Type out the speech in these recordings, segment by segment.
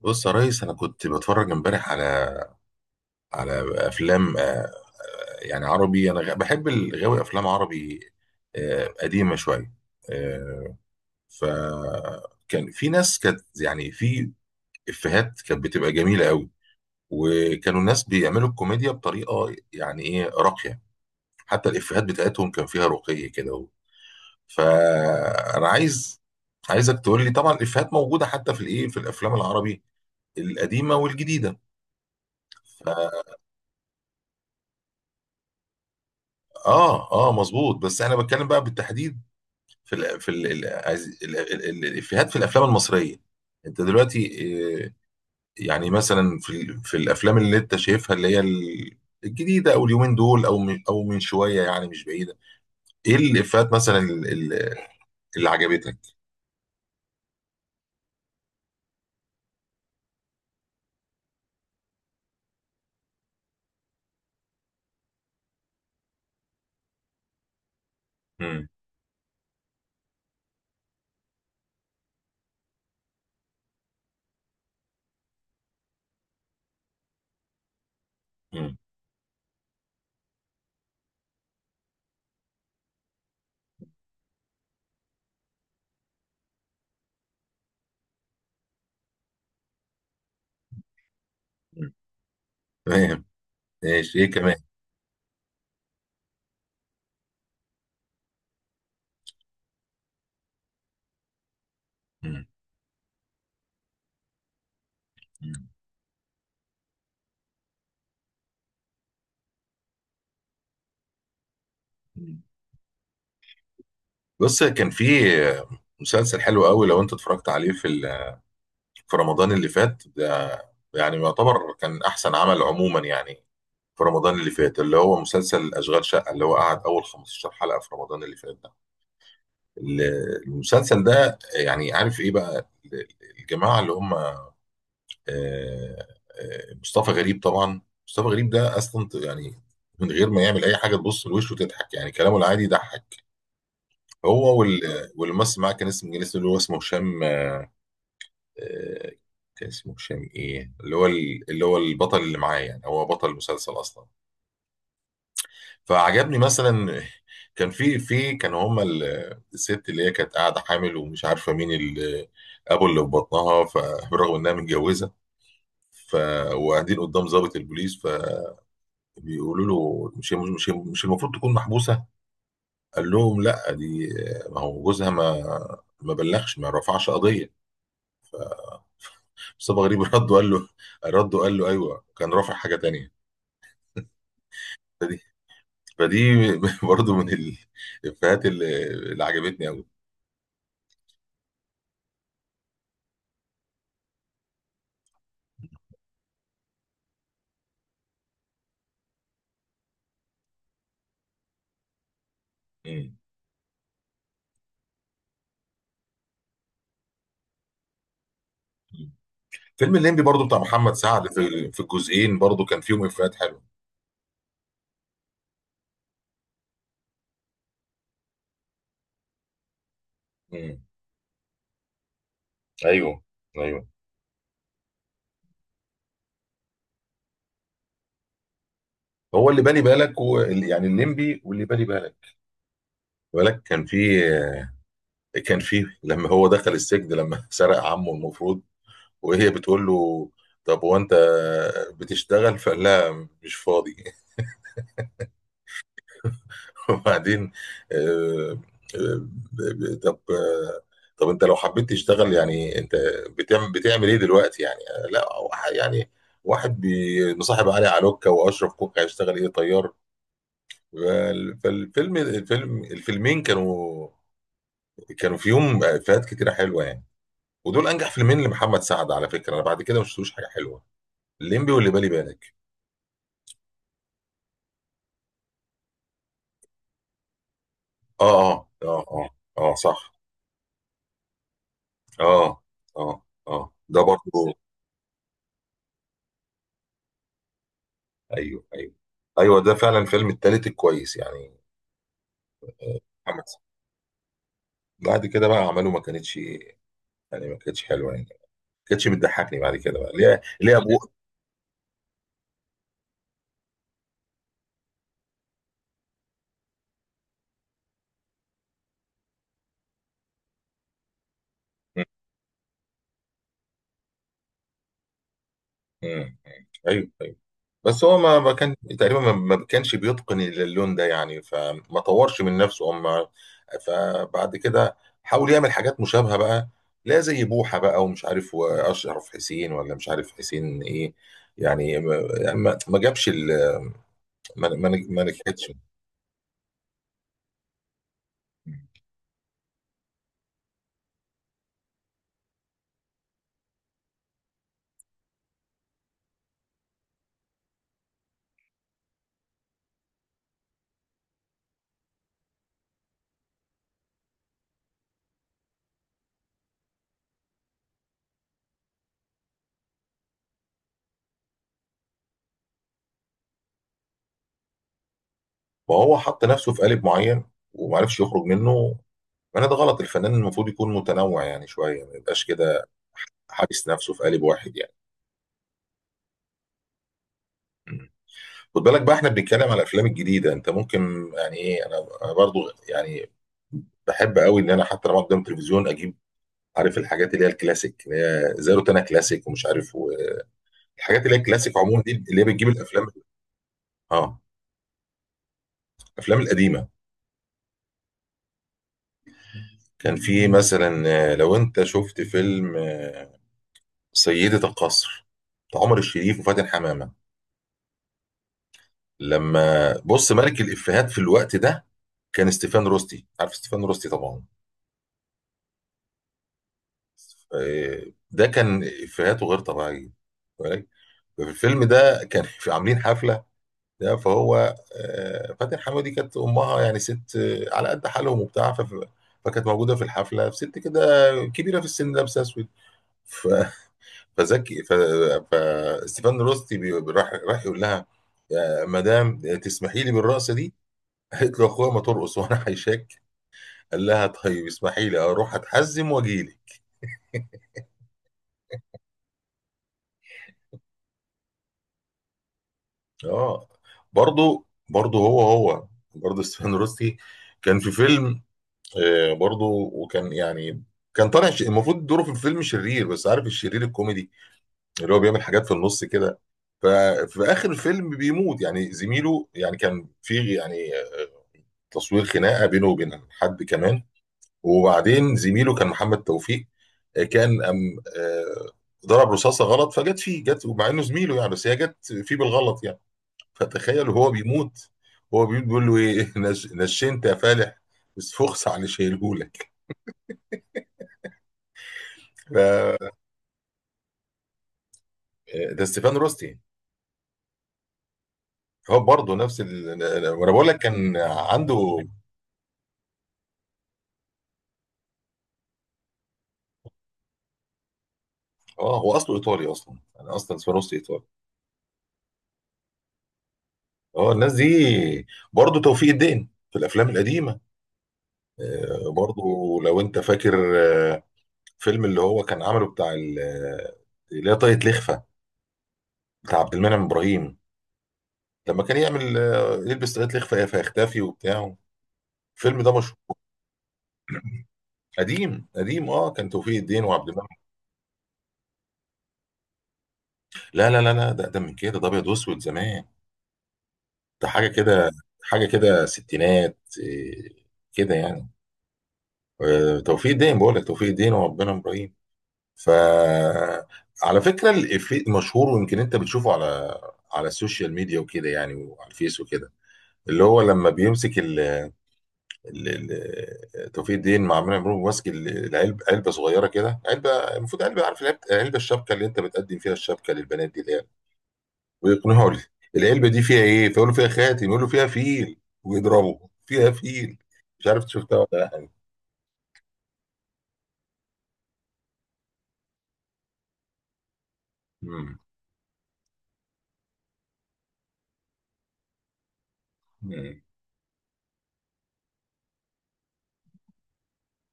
بص يا ريس انا كنت بتفرج امبارح على افلام، يعني عربي. انا بحب الغاوي افلام عربي، قديمه شويه. آه، فكان في ناس كانت يعني في افيهات كانت بتبقى جميله قوي، وكانوا الناس بيعملوا الكوميديا بطريقه يعني ايه راقيه. حتى الافيهات بتاعتهم كان فيها رقي كده. فانا عايزك تقول لي، طبعا الافيهات موجوده حتى في الافلام العربي القديمه والجديده. اه اه، مظبوط، بس انا بتكلم بقى بالتحديد في ال في ال ال ال ال الافيهات في الافلام المصريه. انت دلوقتي، آه، يعني مثلا في الافلام اللي انت شايفها اللي هي الجديده، او اليومين دول او من شويه يعني مش بعيده، ايه الافيهات مثلا اللي عجبتك؟ مم، مم، مم. تمام، ماشي، ايه كمان؟ مم، مم، مم. بص، كان في مسلسل حلو قوي لو انت اتفرجت عليه في رمضان اللي فات ده، يعني يعتبر كان احسن عمل عموما يعني. في رمضان اللي فات، اللي هو مسلسل اشغال شقه، اللي هو قعد اول 15 حلقه في رمضان اللي فات ده. ال- المسلسل ده، يعني عارف ايه بقى، الجماعه اللي هم، مصطفى غريب طبعا. مصطفى غريب ده اصلا يعني، من غير ما يعمل اي حاجه تبص لوشه وتضحك، يعني كلامه العادي يضحك. هو والممثل معاه، كان اسمه اللي هو اسمه هشام. آه، كان اسمه هشام اللي هو اللي هو البطل اللي معاه، يعني هو بطل المسلسل اصلا. فعجبني مثلا كان في في كان هما، الست اللي هي كانت قاعده حامل ومش عارفه مين ابو اللي في بطنها، فبرغم انها متجوزه، ف وقاعدين قدام ضابط البوليس. فبيقولوا له، مش المفروض تكون محبوسه؟ قال لهم لا، دي ما هو جوزها، ما بلغش، ما رفعش قضيه. مصطفى غريب رد وقال له ايوه، كان رافع حاجه تانيه. فدي برضو من الافيهات اللي عجبتني قوي. فيلم الليمبي برضو بتاع محمد سعد، في الجزئين برضو كان فيهم افيهات حلوه. مم. ايوه، ايوه، هو اللي بالي بالك يعني الليمبي واللي بالي بالك كان فيه لما هو دخل السجن، لما سرق عمه المفروض، وهي بتقول له طب هو انت بتشتغل؟ فقال لها مش فاضي. وبعدين، آه، آه، ب- ب- طب آه، طب انت لو حبيت تشتغل يعني، انت بتعمل ايه دلوقتي يعني؟ لا يعني واحد مصاحب علي علوكة واشرف كوكا هيشتغل ايه؟ طيار. فال- فالفيلم الفيلم الفيلمين كانوا فيهم افيهات كتيره حلوه يعني. ودول انجح فيلمين لمحمد سعد، على فكره انا بعد كده ما شفتلوش حاجه حلوه، الليمبي واللي بالي بالك. اه اه اه اه. اه صح، اه اه اه. آه، ده برضه. ايوه ايوه ايوه، ده فعلا الفيلم التالت الكويس يعني. آه، محمد سعد. بعد كده بقى عمله ما كانتش يعني، ما كانتش حلوه يعني، ما كانتش بتضحكني بعد كده بقى ليه ليه ابوه. م- م. ايوه ايوه. بس هو ما كان تقريبا ما كانش بيتقن اللون ده يعني، فما طورش من نفسه. اما فبعد كده حاول يعمل حاجات مشابهه بقى، لا زي بوحه بقى ومش عارف واشرف حسين ولا مش عارف حسين ايه، يعني ما جابش ما نجحتش. ما هو حط نفسه في قالب معين ومعرفش يخرج منه. ما انا ده غلط، الفنان المفروض يكون متنوع يعني شويه، ما يبقاش كده حابس نفسه في قالب واحد يعني. مم. خد بالك بقى احنا بنتكلم على الافلام الجديده، انت ممكن يعني ايه، أنا برضو يعني بحب قوي، ان انا حتى لما قدام التلفزيون اجيب، عارف الحاجات اللي هي الكلاسيك، اللي هي زي روتانا كلاسيك ومش عارف، والحاجات اللي هي الكلاسيك عموما دي اللي هي بتجيب الافلام. اه، الافلام القديمه. كان في مثلا، لو انت شفت فيلم سيدة القصر، بتاع عمر الشريف وفاتن حمامة، لما بص، ملك الإفيهات في الوقت ده كان ستيفان روستي، عارف ستيفان روستي طبعا. ده كان إفيهاته غير طبيعية، بالك؟ ففي الفيلم ده، كان في عاملين حفلة ده، فهو آه، فاتن حمامة دي كانت أمها يعني ست، على قد حالهم وبتاع. فكانت موجودة في الحفلة، ست كده كبيرة في السن لابسة أسود. ف فزكي ف... فستيفان روستي، راح يقول لها يا مدام، تسمحي لي بالرقصه دي؟ قالت له اخويا ما ترقص وانا هيشك. قال لها طيب اسمحي لي اروح اتحزم واجي لي. اه، برضه برضه، هو برضه ستيفان روستي كان في فيلم، برضه. وكان يعني كان طالع، المفروض دوره في الفيلم شرير، بس عارف الشرير الكوميدي اللي هو بيعمل حاجات في النص كده. ففي اخر الفيلم بيموت يعني زميله، يعني كان في يعني تصوير خناقه بينه وبين حد كمان، وبعدين زميله كان محمد توفيق، آه، كان أم آه، ضرب رصاصه غلط فجت فيه، جت، ومع انه زميله يعني بس هي جت فيه بالغلط يعني. فتخيل، وهو بيموت، هو بيموت بيقول له ايه، نشنت يا فالح، بس فخس عن شايلهولك. ف... آه، ده ستيفان روستي يعني. هو برضه نفس وانا بقول لك كان عنده. اه، هو اصله ايطالي اصلا، انا اصلا ستيفان روستي ايطالي. اه، الناس دي. برضه توفيق الدين في الافلام القديمه، برضو، لو انت فاكر، آه، فيلم اللي هو كان عمله بتاع اللي هي طاقية لخفة، بتاع عبد المنعم ابراهيم، لما كان يعمل، يلبس طاقية لخفة فيختفي وبتاع. الفيلم ده مشهور. قديم قديم اه، كان توفيق الدين وعبد المنعم. لا لا لا لا، ده من كده، ده ابيض واسود زمان، ده حاجه كده، حاجه كده ستينات، كده يعني. توفيق الدين بقول لك، توفيق الدين وعبد المنعم ابراهيم. فعلى فكرة، الإفيه مشهور ويمكن أنت بتشوفه على السوشيال ميديا وكده يعني، وعلى الفيس وكده، اللي هو لما بيمسك ال... توفيق الدين مع عمرو مرموش ماسك العلبة، علبة صغيرة كده، علبة المفروض علبة، عارف العلبة الشبكة، اللي أنت بتقدم فيها الشبكة للبنات دي اللي هي، ويقنعه العلبة دي فيها إيه؟ فيقول له فيها خاتم، يقول له فيها فيل، ويضربه فيها فيل. مش عارف شفتها ولا لا يعني. مم.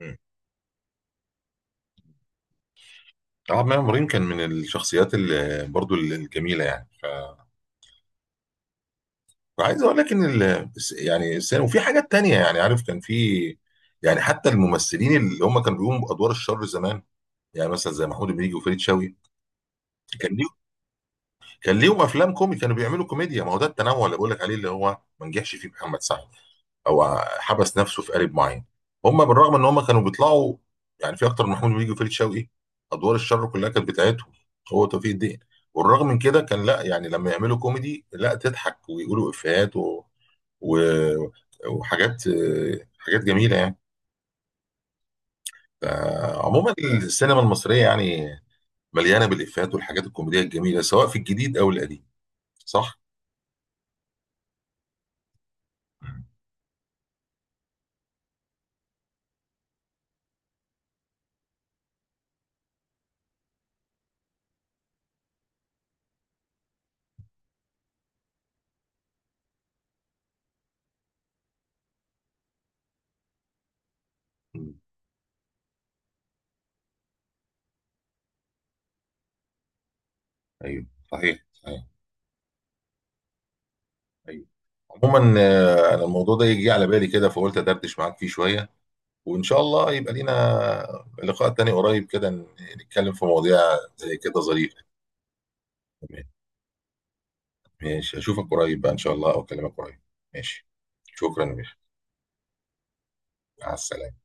مم. عماد مريم كان من الشخصيات اللي برضو الجميله يعني. وعايز اقول لك ان يعني السينما، وفي حاجات تانية يعني، عارف كان في يعني، حتى الممثلين اللي هم كانوا بيقوموا بادوار الشر زمان، يعني مثلا زي محمود المليجي وفريد شوقي، كان ليهم كان ليهم افلام كوميدي كانوا بيعملوا كوميديا. ما هو ده التنوع اللي بقول لك عليه اللي هو ما نجحش فيه محمد سعد، او حبس نفسه في قالب معين. هم بالرغم ان هم كانوا بيطلعوا يعني في اكتر من، محمود بيجي وفريد شوقي، ادوار الشر كلها كانت بتاعتهم، هو توفيق الدين، والرغم من كده كان لا يعني لما يعملوا كوميدي لا تضحك ويقولوا افيهات و... وحاجات جميله يعني. عموما السينما المصريه يعني مليانه بالافيهات والحاجات الكوميديه الجميله، سواء في الجديد او القديم، صح؟ مم. ايوه، صحيح صحيح، ايوه. عموما انا الموضوع ده يجي على بالي كده فقلت ادردش معاك فيه شويه، وإن شاء الله يبقى لينا لقاء تاني قريب كده، نتكلم في مواضيع زي كده ظريفة. تمام، ماشي، أشوفك قريب بقى إن شاء الله، أو أكلمك قريب. ماشي، شكرا يا باشا، مع السلامة.